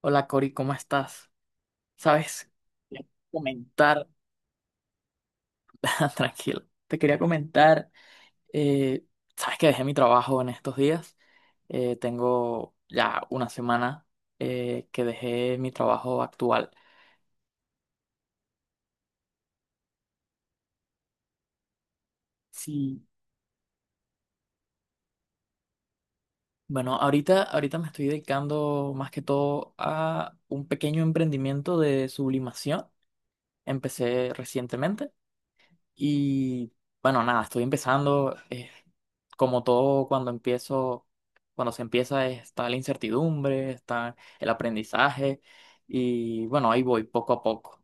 Hola Cori, ¿cómo estás? Sabes, quería comentar. Tranquilo, te quería comentar, eh, sabes que dejé mi trabajo en estos días. Tengo ya una semana que dejé mi trabajo actual. Sí, bueno, ahorita me estoy dedicando más que todo a un pequeño emprendimiento de sublimación, empecé recientemente. Y bueno, nada, estoy empezando. Como todo, cuando se empieza, está la incertidumbre, está el aprendizaje. Y bueno, ahí voy poco a poco.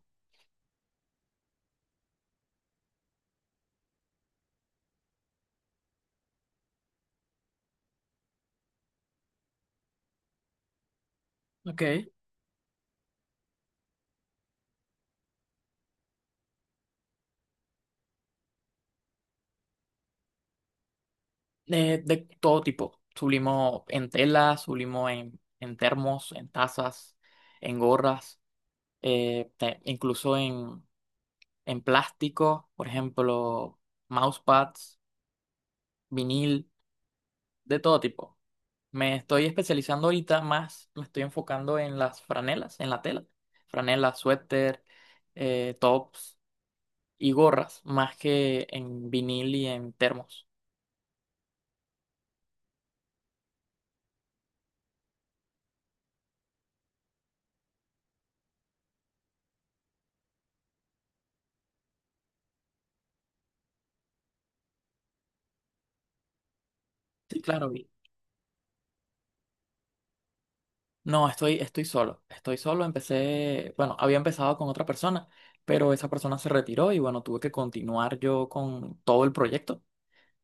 Ok. De todo tipo. Sublimo en telas, sublimo en termos, en tazas, en gorras, incluso en plástico, por ejemplo, mousepads, vinil, de todo tipo. Me estoy especializando ahorita más, me estoy enfocando en las franelas, en la tela. Franelas, suéter, tops y gorras, más que en vinil y en termos. Sí, claro, vi. No, estoy, estoy solo. Estoy solo, empecé, bueno, había empezado con otra persona, pero esa persona se retiró y bueno, tuve que continuar yo con todo el proyecto.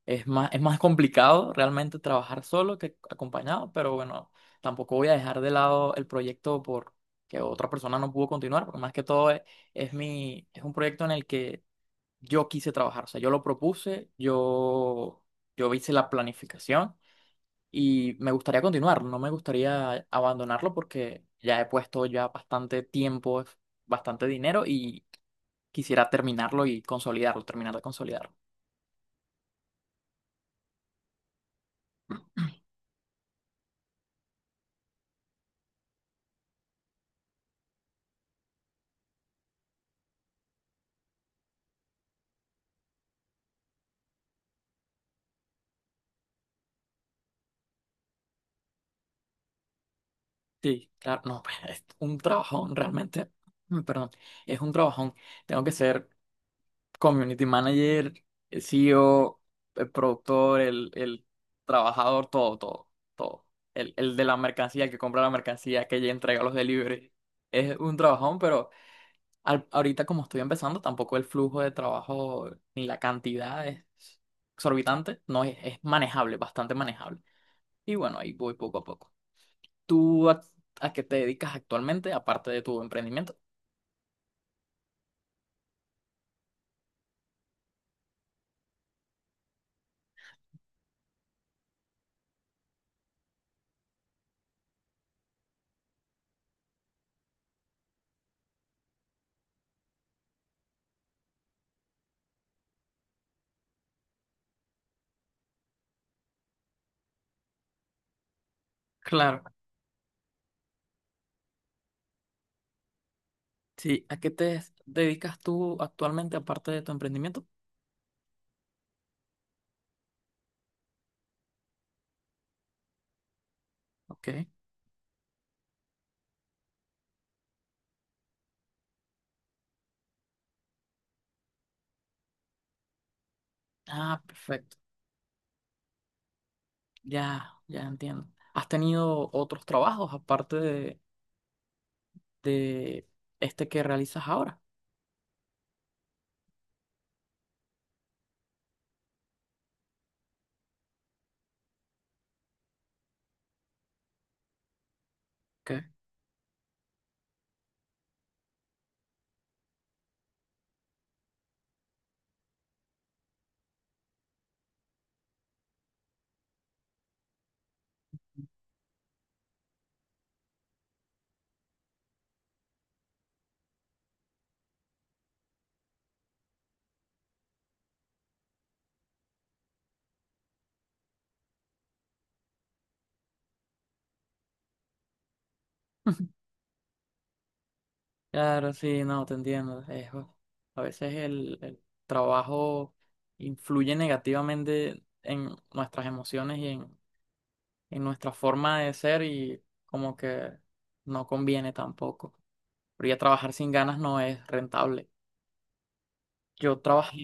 Es más complicado realmente trabajar solo que acompañado, pero bueno, tampoco voy a dejar de lado el proyecto por que otra persona no pudo continuar, porque más que todo es mi, es un proyecto en el que yo quise trabajar, o sea, yo lo propuse, yo hice la planificación y me gustaría continuar, no me gustaría abandonarlo porque ya he puesto ya bastante tiempo, bastante dinero y quisiera terminarlo y consolidarlo, terminar de consolidarlo. Sí, claro, no, pues, es un trabajón realmente. Perdón, es un trabajón. Tengo que ser community manager, el CEO, el productor, el trabajador, todo, todo, todo. El de la mercancía, el que compra la mercancía, que ya entrega los deliveries. Es un trabajón, pero ahorita como estoy empezando, tampoco el flujo de trabajo ni la cantidad es exorbitante, no es, es manejable, bastante manejable. Y bueno, ahí voy poco a poco. ¿Tú a qué te dedicas actualmente, aparte de tu emprendimiento? Claro, sí. ¿A qué te dedicas tú actualmente, aparte de tu emprendimiento? Ok. Ah, perfecto. Ya, ya entiendo. ¿Has tenido otros trabajos aparte de este que realizas ahora? Ok. Claro, sí, no, te entiendo. A veces el trabajo influye negativamente en nuestras emociones y en nuestra forma de ser y como que no conviene tampoco. Pero ya trabajar sin ganas no es rentable. Yo trabajé,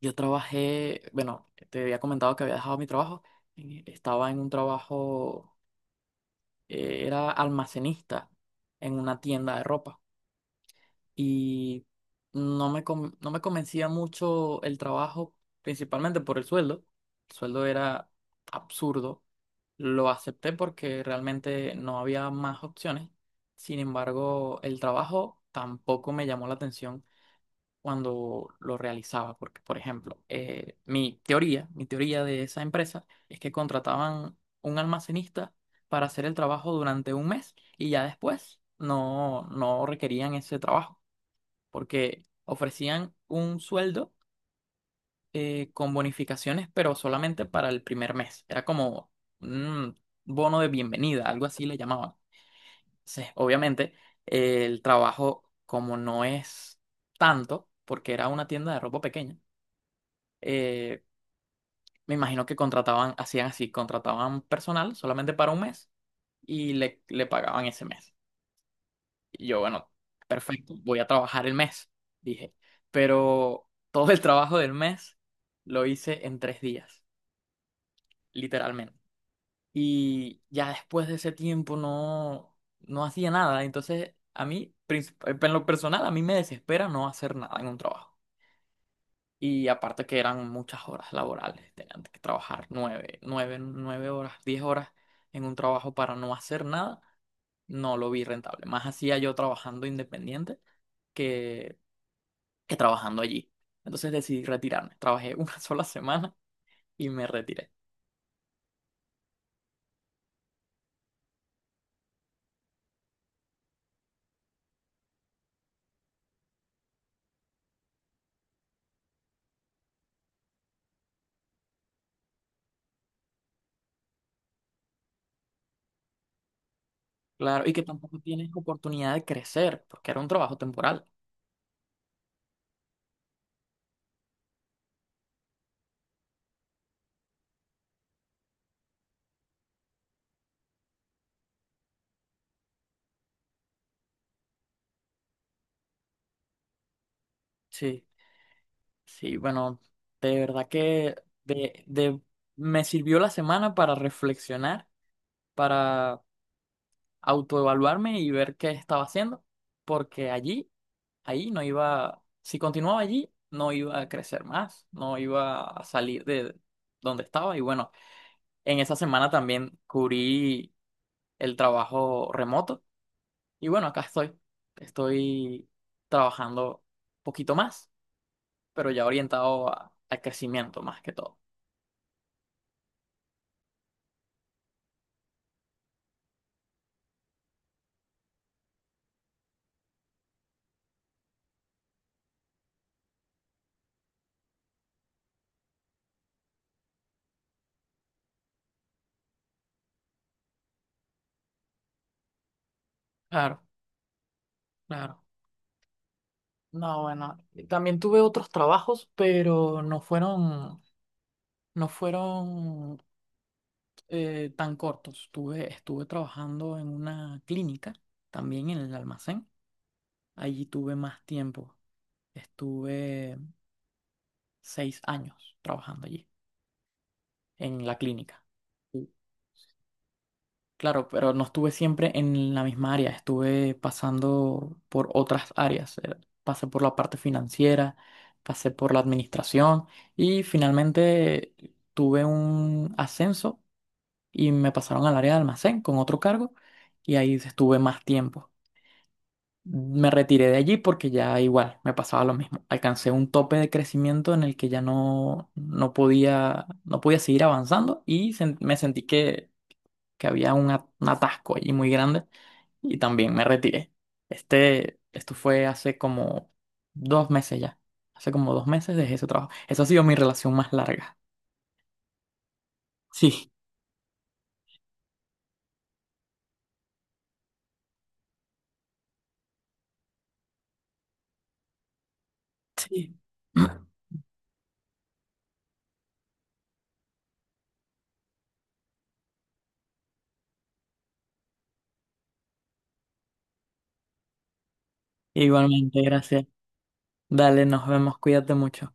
yo trabajé, bueno, te había comentado que había dejado mi trabajo. Estaba en un trabajo, era almacenista en una tienda de ropa. Y no me, no me convencía mucho el trabajo, principalmente por el sueldo. El sueldo era absurdo. Lo acepté porque realmente no había más opciones. Sin embargo, el trabajo tampoco me llamó la atención cuando lo realizaba, porque, por ejemplo, mi teoría de esa empresa es que contrataban un almacenista para hacer el trabajo durante un mes y ya después no, no requerían ese trabajo porque ofrecían un sueldo con bonificaciones, pero solamente para el primer mes. Era como un bono de bienvenida, algo así le llamaban. Entonces, obviamente, el trabajo, como no es tanto, porque era una tienda de ropa pequeña, eh, me imagino que contrataban, hacían así, contrataban personal solamente para un mes y le pagaban ese mes. Y yo, bueno, perfecto, voy a trabajar el mes, dije. Pero todo el trabajo del mes lo hice en 3 días, literalmente. Y ya después de ese tiempo no, no hacía nada. Entonces, a mí, en lo personal, a mí me desespera no hacer nada en un trabajo. Y aparte que eran muchas horas laborales, tenían que trabajar 9 horas, 10 horas en un trabajo para no hacer nada, no lo vi rentable. Más hacía yo trabajando independiente que que trabajando allí. Entonces decidí retirarme. Trabajé una sola semana y me retiré. Claro, y que tampoco tienes oportunidad de crecer, porque era un trabajo temporal. Sí, sí, bueno, de verdad que de, de, me sirvió la semana para reflexionar, para autoevaluarme y ver qué estaba haciendo, porque allí, ahí no iba, si continuaba allí, no iba a crecer más, no iba a salir de donde estaba. Y bueno, en esa semana también cubrí el trabajo remoto. Y bueno, acá estoy. Estoy trabajando un poquito más, pero ya orientado al crecimiento más que todo. Claro, claro. No, bueno, también tuve otros trabajos, pero no fueron tan cortos. Estuve trabajando en una clínica, también en el almacén. Allí tuve más tiempo. Estuve 6 años trabajando allí, en la clínica. Claro, pero no estuve siempre en la misma área, estuve pasando por otras áreas. Pasé por la parte financiera, pasé por la administración y finalmente tuve un ascenso y me pasaron al área de almacén con otro cargo y ahí estuve más tiempo. Me retiré de allí porque ya igual me pasaba lo mismo. Alcancé un tope de crecimiento en el que ya no, no podía, no podía seguir avanzando y me sentí que había un atasco allí muy grande y también me retiré. Esto fue hace como 2 meses ya. Hace como dos meses dejé ese trabajo. Eso ha sido mi relación más larga. Sí, sí. Igualmente, gracias. Dale, nos vemos, cuídate mucho.